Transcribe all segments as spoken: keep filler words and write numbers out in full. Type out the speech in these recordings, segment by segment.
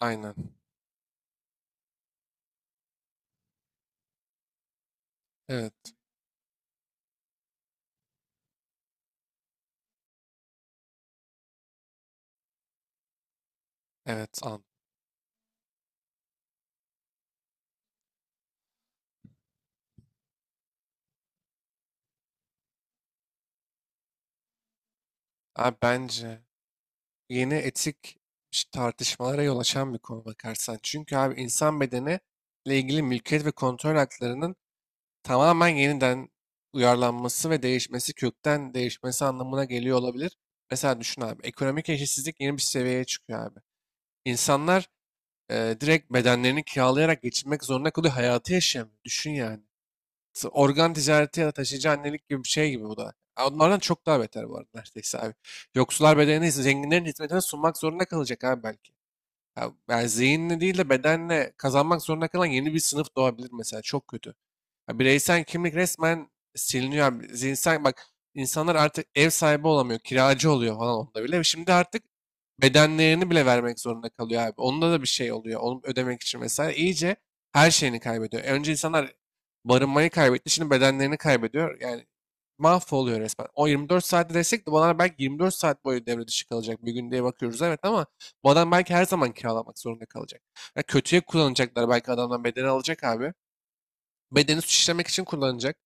Aynen. Evet. Evet. An. Abi bence yeni etik ş- tartışmalara yol açan bir konu bakarsan. Çünkü abi insan bedeniyle ile ilgili mülkiyet ve kontrol haklarının tamamen yeniden uyarlanması ve değişmesi, kökten değişmesi anlamına geliyor olabilir. Mesela düşün abi, ekonomik eşitsizlik yeni bir seviyeye çıkıyor abi. İnsanlar e, direkt bedenlerini kiralayarak geçinmek zorunda kalıyor, hayatı yaşayamıyor. Düşün yani. S- organ ticareti ya da taşıyıcı annelik gibi bir şey gibi bu da. Ha, onlardan çok daha beter bu arada neredeyse abi. Yoksullar bedenini ise zenginlerin hizmetine sunmak zorunda kalacak abi belki. Ya, yani zihinle değil de bedenle kazanmak zorunda kalan yeni bir sınıf doğabilir mesela. Çok kötü. Ya, bireysel kimlik resmen siliniyor abi. Zihinsel bak, insanlar artık ev sahibi olamıyor. Kiracı oluyor falan onda bile. Şimdi artık bedenlerini bile vermek zorunda kalıyor abi. Onda da bir şey oluyor. Onu ödemek için mesela iyice her şeyini kaybediyor. Önce insanlar barınmayı kaybetti. Şimdi bedenlerini kaybediyor. Yani mahvoluyor resmen. O yirmi dört saatte desek de bu adamlar belki yirmi dört saat boyu devre dışı kalacak. Bir gün diye bakıyoruz evet ama bu adam belki her zaman kiralamak zorunda kalacak. Ya kötüye kullanacaklar, belki adamdan bedeni alacak abi. Bedeni suçlamak için kullanacak.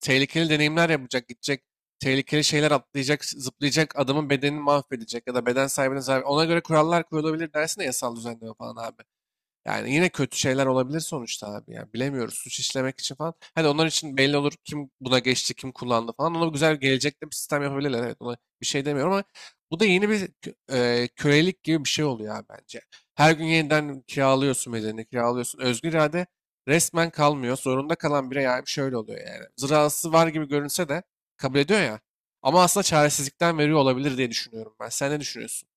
Tehlikeli deneyimler yapacak, gidecek. Tehlikeli şeyler atlayacak, zıplayacak, adamın bedenini mahvedecek ya da beden sahibine zarar. Ona göre kurallar kurulabilir dersin de, yasal düzenleme falan abi. Yani yine kötü şeyler olabilir sonuçta abi ya. Bilemiyoruz, suç işlemek için falan. Hadi onlar için belli olur kim buna geçti, kim kullandı falan. Ona güzel gelecekte bir sistem yapabilirler. Evet, ona bir şey demiyorum ama bu da yeni bir kö- e, kölelik gibi bir şey oluyor abi bence. Her gün yeniden kiralıyorsun bedenini, kiralıyorsun. Özgür irade resmen kalmıyor. Zorunda kalan birey abi şöyle oluyor yani. Zırhası var gibi görünse de kabul ediyor ya. Ama aslında çaresizlikten veriyor olabilir diye düşünüyorum ben. Sen ne düşünüyorsun?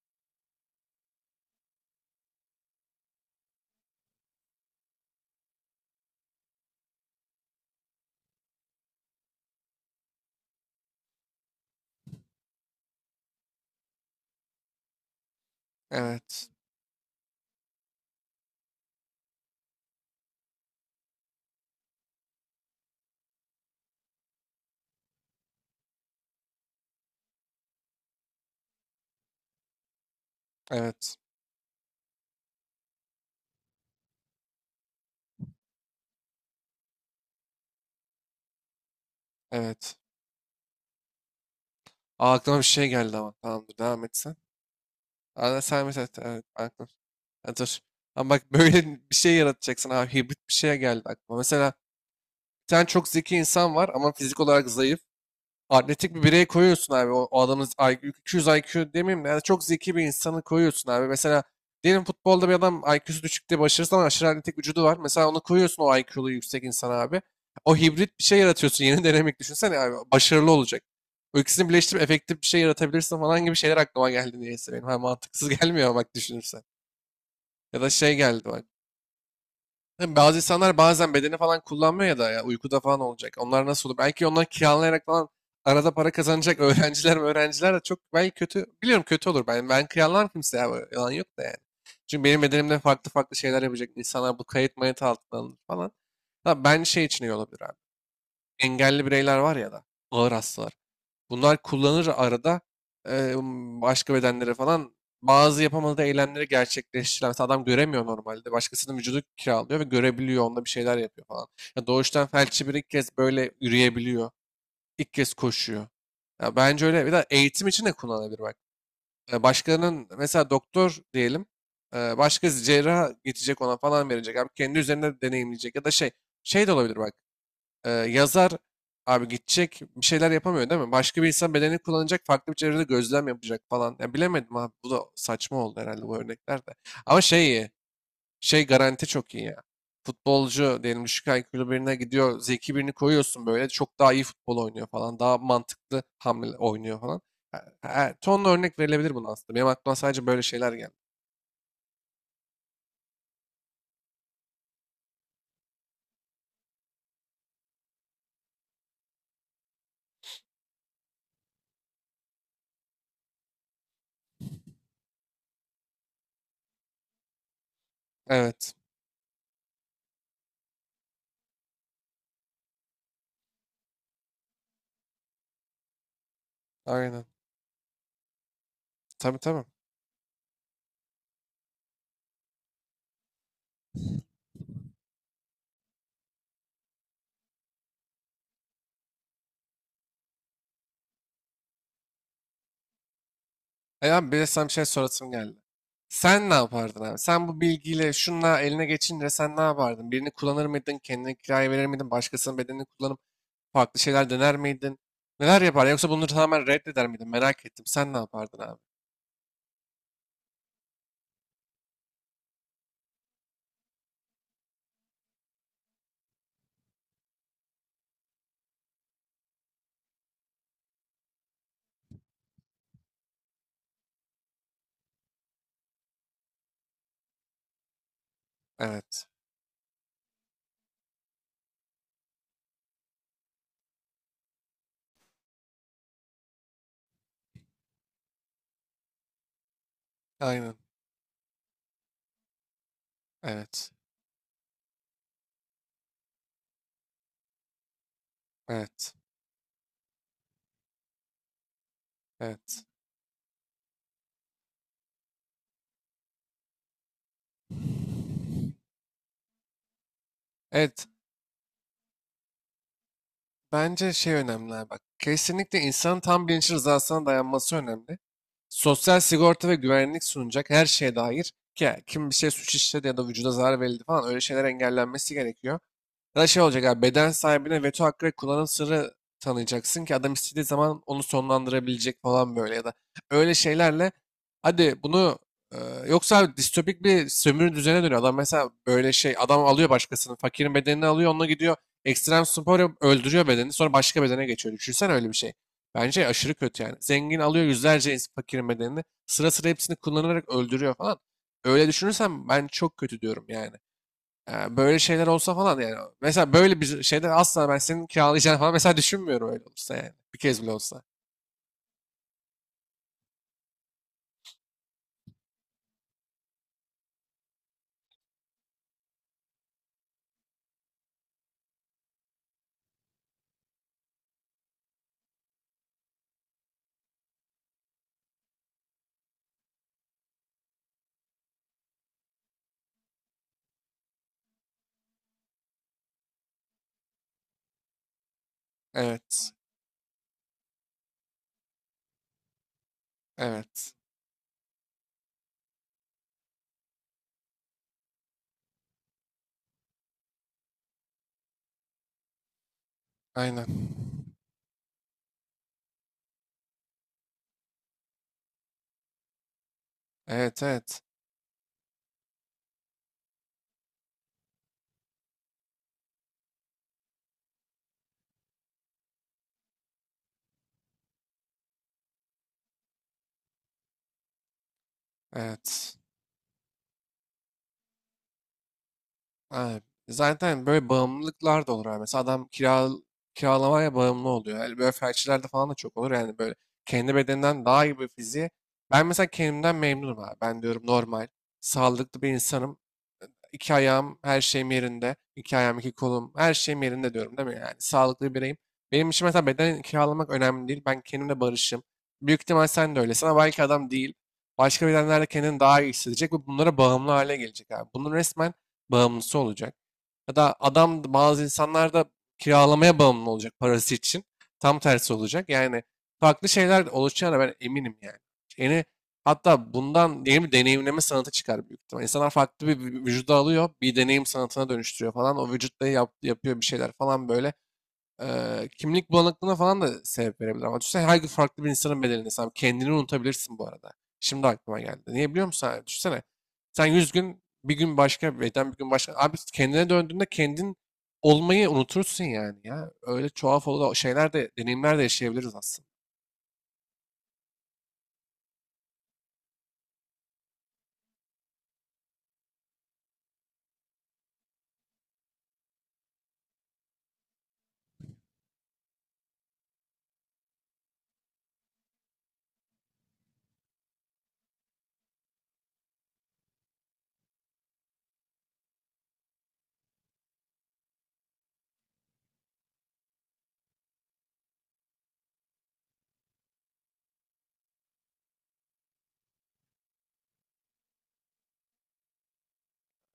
Evet, evet, evet. Aa, aklıma bir şey geldi ama. Tamamdır, devam et sen. Aa, sen mesela evet, evet, evet, aklıma. Ha, dur. Ama bak, böyle bir şey yaratacaksın abi. Hibrit bir şeye geldi aklıma. Mesela bir tane çok zeki insan var ama fizik olarak zayıf. Atletik bir birey koyuyorsun abi. O, o adamın I Q, iki yüz I Q demeyeyim de yani çok zeki bir insanı koyuyorsun abi. Mesela diyelim futbolda bir adam I Q'su düşük diye başarısız ama aşırı atletik vücudu var. Mesela onu koyuyorsun, o I Q'lu yüksek insan abi. O hibrit bir şey yaratıyorsun. Yeni denemek, düşünsene abi. Başarılı olacak. O ikisini birleştirip efektif bir şey yaratabilirsin falan gibi şeyler aklıma geldi niyeyse benim. Ha, mantıksız gelmiyor bak, düşünürsen. Ya da şey geldi bak. Tabii bazı insanlar bazen bedeni falan kullanmıyor ya da ya uykuda falan olacak. Onlar nasıl olur? Belki onlar kiralayarak falan arada para kazanacak. Öğrenciler mi, öğrenciler de çok belki kötü. Biliyorum kötü olur. Ben ben kiralar kimseye abi. Yalan yok da yani. Çünkü benim bedenimde farklı farklı şeyler yapacak insanlar, bu kayıt mayıt altına alınır falan. Ha, ben şey için iyi olabilir abi. Engelli bireyler var ya da ağır hastalar. Bunlar kullanır arada eee, başka bedenlere falan, bazı yapamadığı eylemleri gerçekleştiren. Mesela adam göremiyor normalde. Başkasının vücudu kiralıyor ve görebiliyor. Onda bir şeyler yapıyor falan. Ya doğuştan felçli bir, ilk kez böyle yürüyebiliyor. İlk kez koşuyor. Ya bence öyle. Bir de eğitim için de kullanılabilir bak. E, Başkalarının mesela doktor diyelim. e, Başkası cerrah gidecek ona falan verecek. Abi kendi üzerinde deneyimleyecek. Ya da şey. Şey de olabilir bak. Ee, yazar abi gidecek, bir şeyler yapamıyor değil mi? Başka bir insan bedenini kullanacak, farklı bir çevrede gözlem yapacak falan. Ya bilemedim abi, bu da saçma oldu herhalde, bu örnekler de. Ama şey iyi, şey garanti çok iyi ya. Futbolcu diyelim düşük I Q'lu birine gidiyor, zeki birini koyuyorsun, böyle çok daha iyi futbol oynuyor falan, daha mantıklı hamle oynuyor falan. Ha- ha, Tonla örnek verilebilir bunun aslında. Benim aklıma sadece böyle şeyler geldi. Evet, aynen. Tabii tabii. E abi, bir de sana bir şey sorasım geldi. Sen ne yapardın abi? Sen bu bilgiyle şunla eline geçince sen ne yapardın? Birini kullanır mıydın? Kendine kiraya verir miydin? Başkasının bedenini kullanıp farklı şeyler dener miydin? Neler yapardın? Yoksa bunları tamamen reddeder miydin? Merak ettim. Sen ne yapardın abi? Evet. Aynen. Evet. Evet. Evet. Evet. Bence şey önemli abi bak. Kesinlikle insanın tam bilinçli rızasına dayanması önemli. Sosyal sigorta ve güvenlik sunacak her şeye dair, ki kim bir şey suç işledi ya da vücuda zarar verildi falan, öyle şeyler engellenmesi gerekiyor. Ya da şey olacak abi, beden sahibine veto hakkı ve kullanım sırrı tanıyacaksın ki adam istediği zaman onu sonlandırabilecek falan, böyle ya da öyle şeylerle hadi bunu e, yoksa abi distopik bir sömürü düzene dönüyor. Adam mesela böyle şey, adam alıyor başkasının, fakirin bedenini alıyor, onunla gidiyor ekstrem spor yapıp öldürüyor bedeni, sonra başka bedene geçiyor. Düşünsen öyle bir şey. Bence aşırı kötü yani. Zengin alıyor yüzlerce ins- fakirin bedenini, sıra sıra hepsini kullanarak öldürüyor falan. Öyle düşünürsem ben çok kötü diyorum yani. Ee, böyle şeyler olsa falan yani. Mesela böyle bir şeyde asla ben senin kiralayacağını falan mesela düşünmüyorum öyle olsa yani. Bir kez bile olsa. Evet. Evet. Aynen. Evet evet. Evet. Aynen. Zaten böyle bağımlılıklar da olur abi. Mesela adam kira, kiralamaya bağımlı oluyor. Yani böyle felçlilerde falan da çok olur. Yani böyle kendi bedeninden daha iyi bir fiziğe. Ben mesela kendimden memnunum abi. Ben diyorum normal, sağlıklı bir insanım. İki ayağım her şeyim yerinde. İki ayağım, iki kolum, her şeyim yerinde diyorum değil mi? Yani sağlıklı bireyim. Benim için mesela beden kiralamak önemli değil. Ben kendimle barışım. Büyük ihtimal sen de öylesin ama belki adam değil. Başka bedenlerle kendini daha iyi hissedecek ve bunlara bağımlı hale gelecek abi. Bunun resmen bağımlısı olacak. Ya da adam, bazı insanlar da kiralamaya bağımlı olacak parası için. Tam tersi olacak. Yani farklı şeyler oluşacağına ben eminim yani. Yeni, hatta bundan yeni bir deneyimleme sanatı çıkar büyük ihtimal. İnsanlar farklı bir vü- vücuda alıyor, bir deneyim sanatına dönüştürüyor falan. O vücutla yap, yapıyor bir şeyler falan, böyle eee, kimlik bulanıklığına falan da sebep verebilir. Ama düşünsene, her gün farklı bir insanın bedelini sen, kendini unutabilirsin bu arada. Şimdi aklıma geldi. Niye biliyor musun abi? Düşünsene. Sen yüz gün, bir gün başka bir beden, bir gün başka. Abi kendine döndüğünde kendin olmayı unutursun yani ya. Öyle tuhaf olan şeyler de, deneyimler de yaşayabiliriz aslında.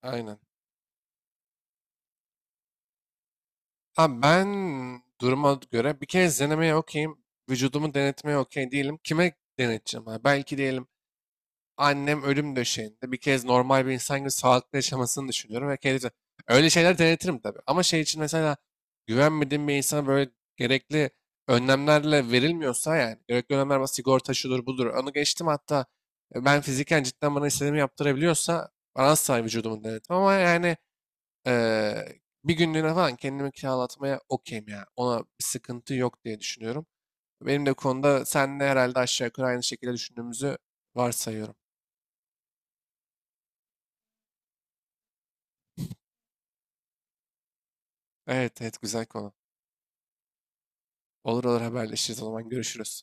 Aynen. Abi ben duruma göre bir kez denemeye okeyim. Vücudumu denetmeye okey değilim. Kime deneteceğim? Ha? Belki diyelim annem ölüm döşeğinde bir kez normal bir insan gibi sağlıklı yaşamasını düşünüyorum ve kendisi. Öyle şeyler denetirim tabii. Ama şey için mesela güvenmediğim bir insana, böyle gerekli önlemlerle verilmiyorsa, yani gerekli önlemler ama sigorta şudur budur. Onu geçtim, hatta e, ben fiziken cidden bana istediğimi yaptırabiliyorsa bana, asla vücudumu denetim ama yani eee, bir günlüğüne falan kendimi kiralatmaya okeyim ya. Ona bir sıkıntı yok diye düşünüyorum. Benim de konuda senle herhalde aşağı yukarı aynı şekilde düşündüğümüzü varsayıyorum. Evet evet, güzel konu. Olur olur, haberleşiriz, o zaman görüşürüz.